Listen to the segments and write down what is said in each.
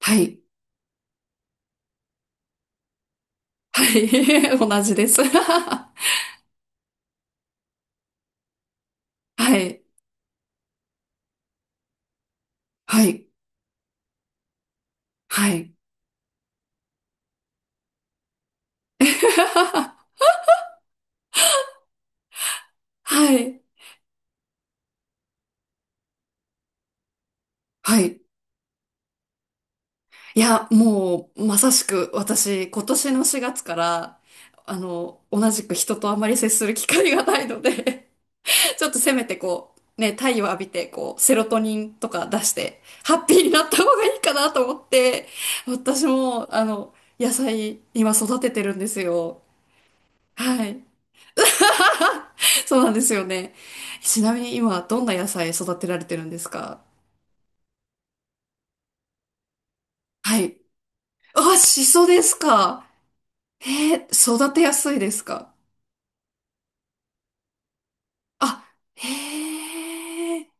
はい。はい。同じです。はい。はい。はい。はい。はい。いや、もう、まさしく、私、今年の4月から、同じく人とあまり接する機会がないので ちょっとせめてこう、ね、太陽浴びて、こう、セロトニンとか出して、ハッピーになった方がいいかなと思って、私も、野菜、今育ててるんですよ。はい。そうなんですよね。ちなみに今、どんな野菜育てられてるんですか？はい。あ、シソですか。へえ、育てやすいですか？あ、へえ。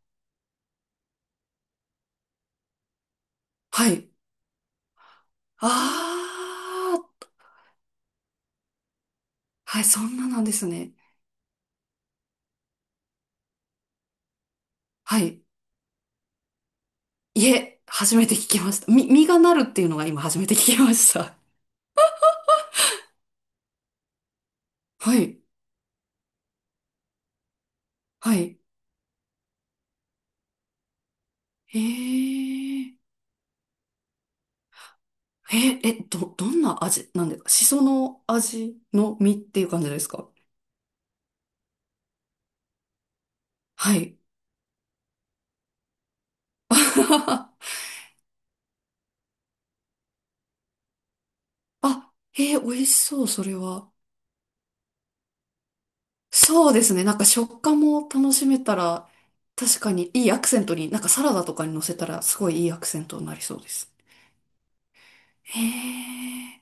はい。あー、はい、そんななんですね。はい。いえ、初めて聞きました。実がなるっていうのが今初めて聞きました。はい。はい。へえ。どんな味なんですか？シソの味の実っていう感じですか？はい。あ、美味しそう、それは。そうですね。なんか食感も楽しめたら、確かにいいアクセントに、なんかサラダとかに乗せたら、すごいいいアクセントになりそうです。へえ。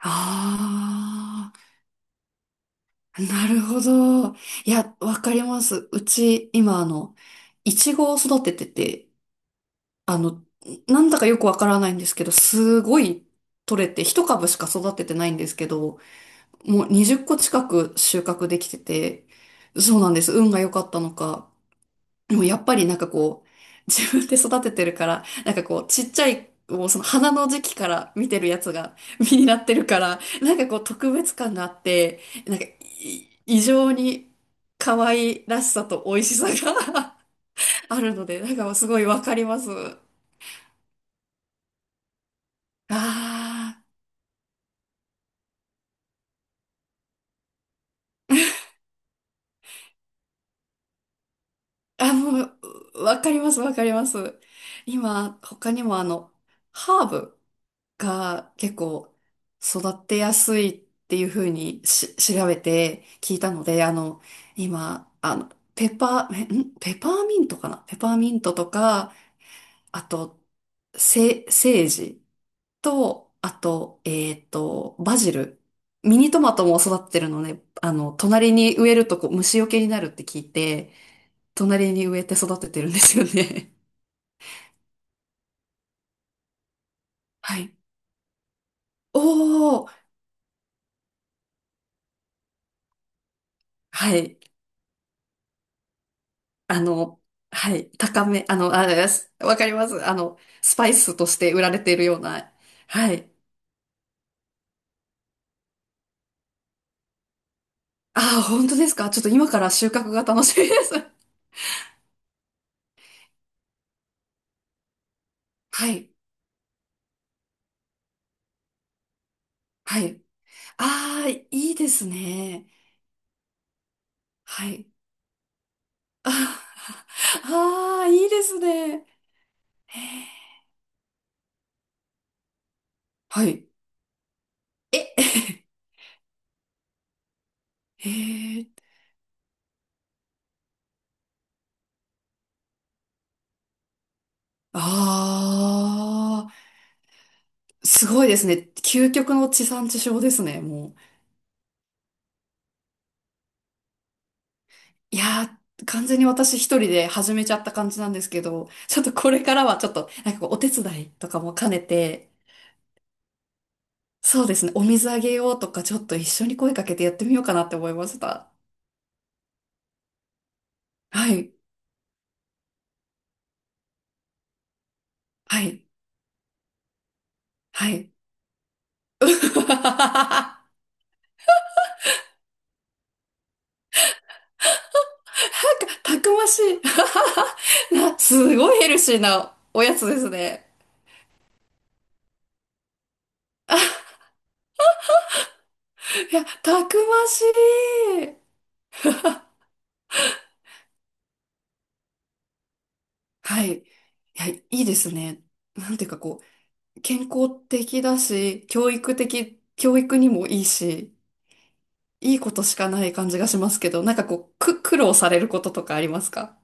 ああ、なるほど。いや、わかります。うち、今、いちごを育ててて、あの、なんだかよくわからないんですけど、すごい取れて、一株しか育ててないんですけど、もう20個近く収穫できてて、そうなんです。運が良かったのか。でもやっぱりなんかこう、自分で育ててるから、なんかこう、ちっちゃい、もうその花の時期から見てるやつが 実になってるから、なんかこう特別感があって、なんかい異常に可愛らしさと美味しさが あるので、なんかすごいわかります。あー、あ、もう、わかります、わかります。今、他にもハーブが結構育ってやすいっていうふうにし調べて聞いたので、あの、今、あの、ペパーミントかなペパーミントとか、あと、セージと、あと、バジル。ミニトマトも育ってるのね、隣に植えるとこう虫除けになるって聞いて、隣に植えて育ててるんですよね。はい。おー、はい。あの、はい、高め、あれです。わかります。スパイスとして売られているような。はい。ああ、本当ですか。ちょっと今から収穫が楽しみです。はい。はい。ああ、いいですね。はい。ああ、あー、いいですね。へー、はい。え、へえ。ああ、すごいですね。究極の地産地消ですね、もう。いやー、完全に私一人で始めちゃった感じなんですけど、ちょっとこれからはちょっと、なんかこうお手伝いとかも兼ねて、そうですね、お水あげようとか、ちょっと一緒に声かけてやってみようかなって思いました。はい、はい、はい。たたくましい な、すごいヘルシーなおやつですね。いや、たくましい。はい。いや、いいですね。なんていうかこう、健康的だし、教育的、教育にもいいし、いいことしかない感じがしますけど、なんかこう、苦労されることとかありますか？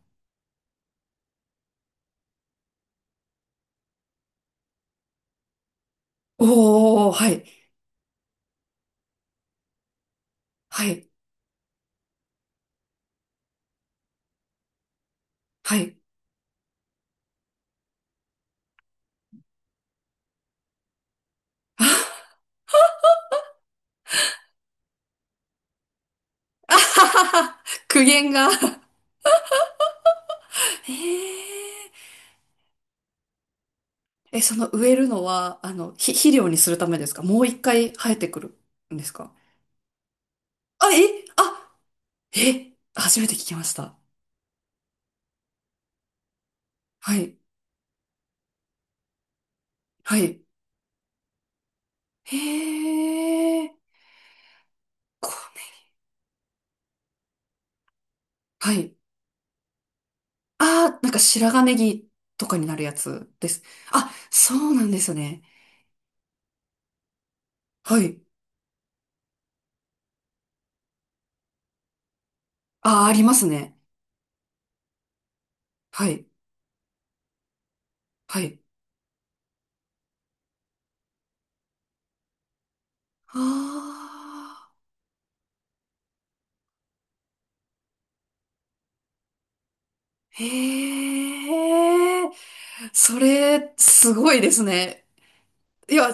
おー、はい、はい、はい。あははは、苦言が。へー、え、その植えるのは、肥料にするためですか？もう一回生えてくるんですか？あ、え、あ、え、初めて聞きました。はい、はい。へー、こうね、はい。ああ、なんか白髪ネギとかになるやつです。あ、そうなんですね。はい。ああ、ありますね。はい。はい。ああ、へえ、それ、すごいですね。いや、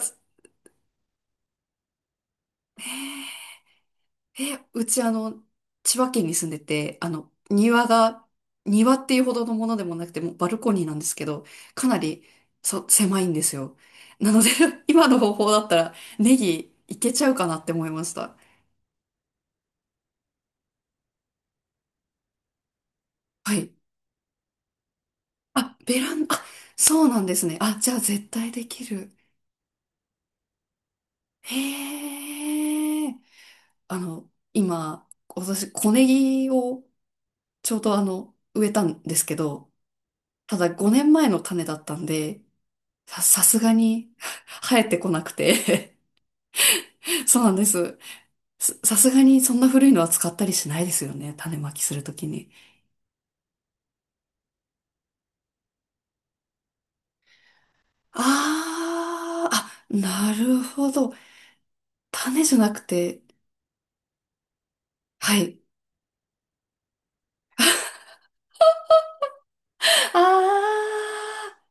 え、うち千葉県に住んでて、庭が、庭っていうほどのものでもなくて、もうバルコニーなんですけど、かなり、そう、狭いんですよ。なので 今の方法だったら、ネギいけちゃうかなって思いました。はい。あ、ベランダ、あ、そうなんですね。あ、じゃあ絶対できる。へえ。今、私、小ネギをちょうど植えたんですけど、ただ5年前の種だったんで、さすがに 生えてこなくて そうなんです。さすがにそんな古いのは使ったりしないですよね。種まきするときに。あー、あ、なるほど。種じゃなくて、はい。あー、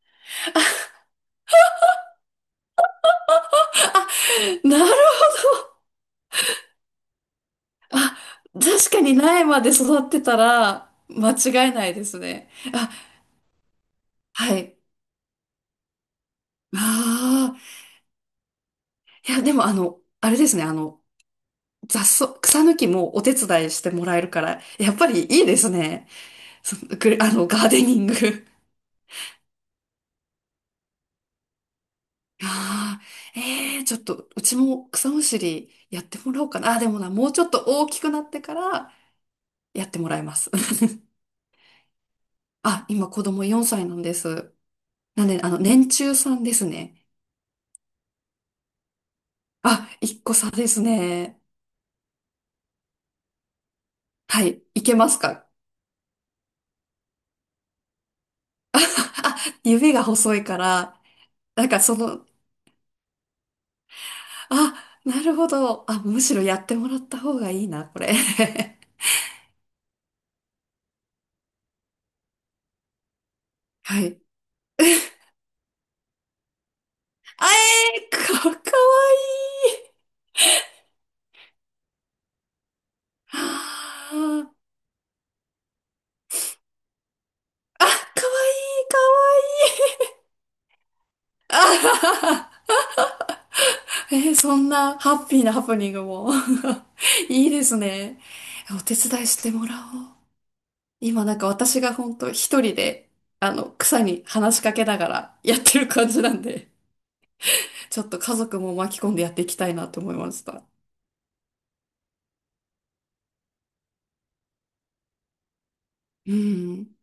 なるほど。確かに苗まで育ってたら間違いないですね。あ、はい。ああ、いや、でもあれですね、雑草、草抜きもお手伝いしてもらえるから、やっぱりいいですね。その、ガーデニング。ああ、ええー、ちょっと、うちも草むしりやってもらおうかな。あ、でもな、もうちょっと大きくなってからやってもらいます。あ、今子供4歳なんです。なんで、年中さんですね。あ、一個差ですね。はい。いけますか？あ、指が細いから、なんかその、あ、なるほど。あ、むしろやってもらった方がいいな、これ。はい。かわいい。はああ、かわいい、かわいい。あははは、そんなハッピーなハプニングも いいですね。お手伝いしてもらおう。今なんか私が本当一人で、草に話しかけながらやってる感じなんで、ちょっと家族も巻き込んでやっていきたいなと思いました。うん。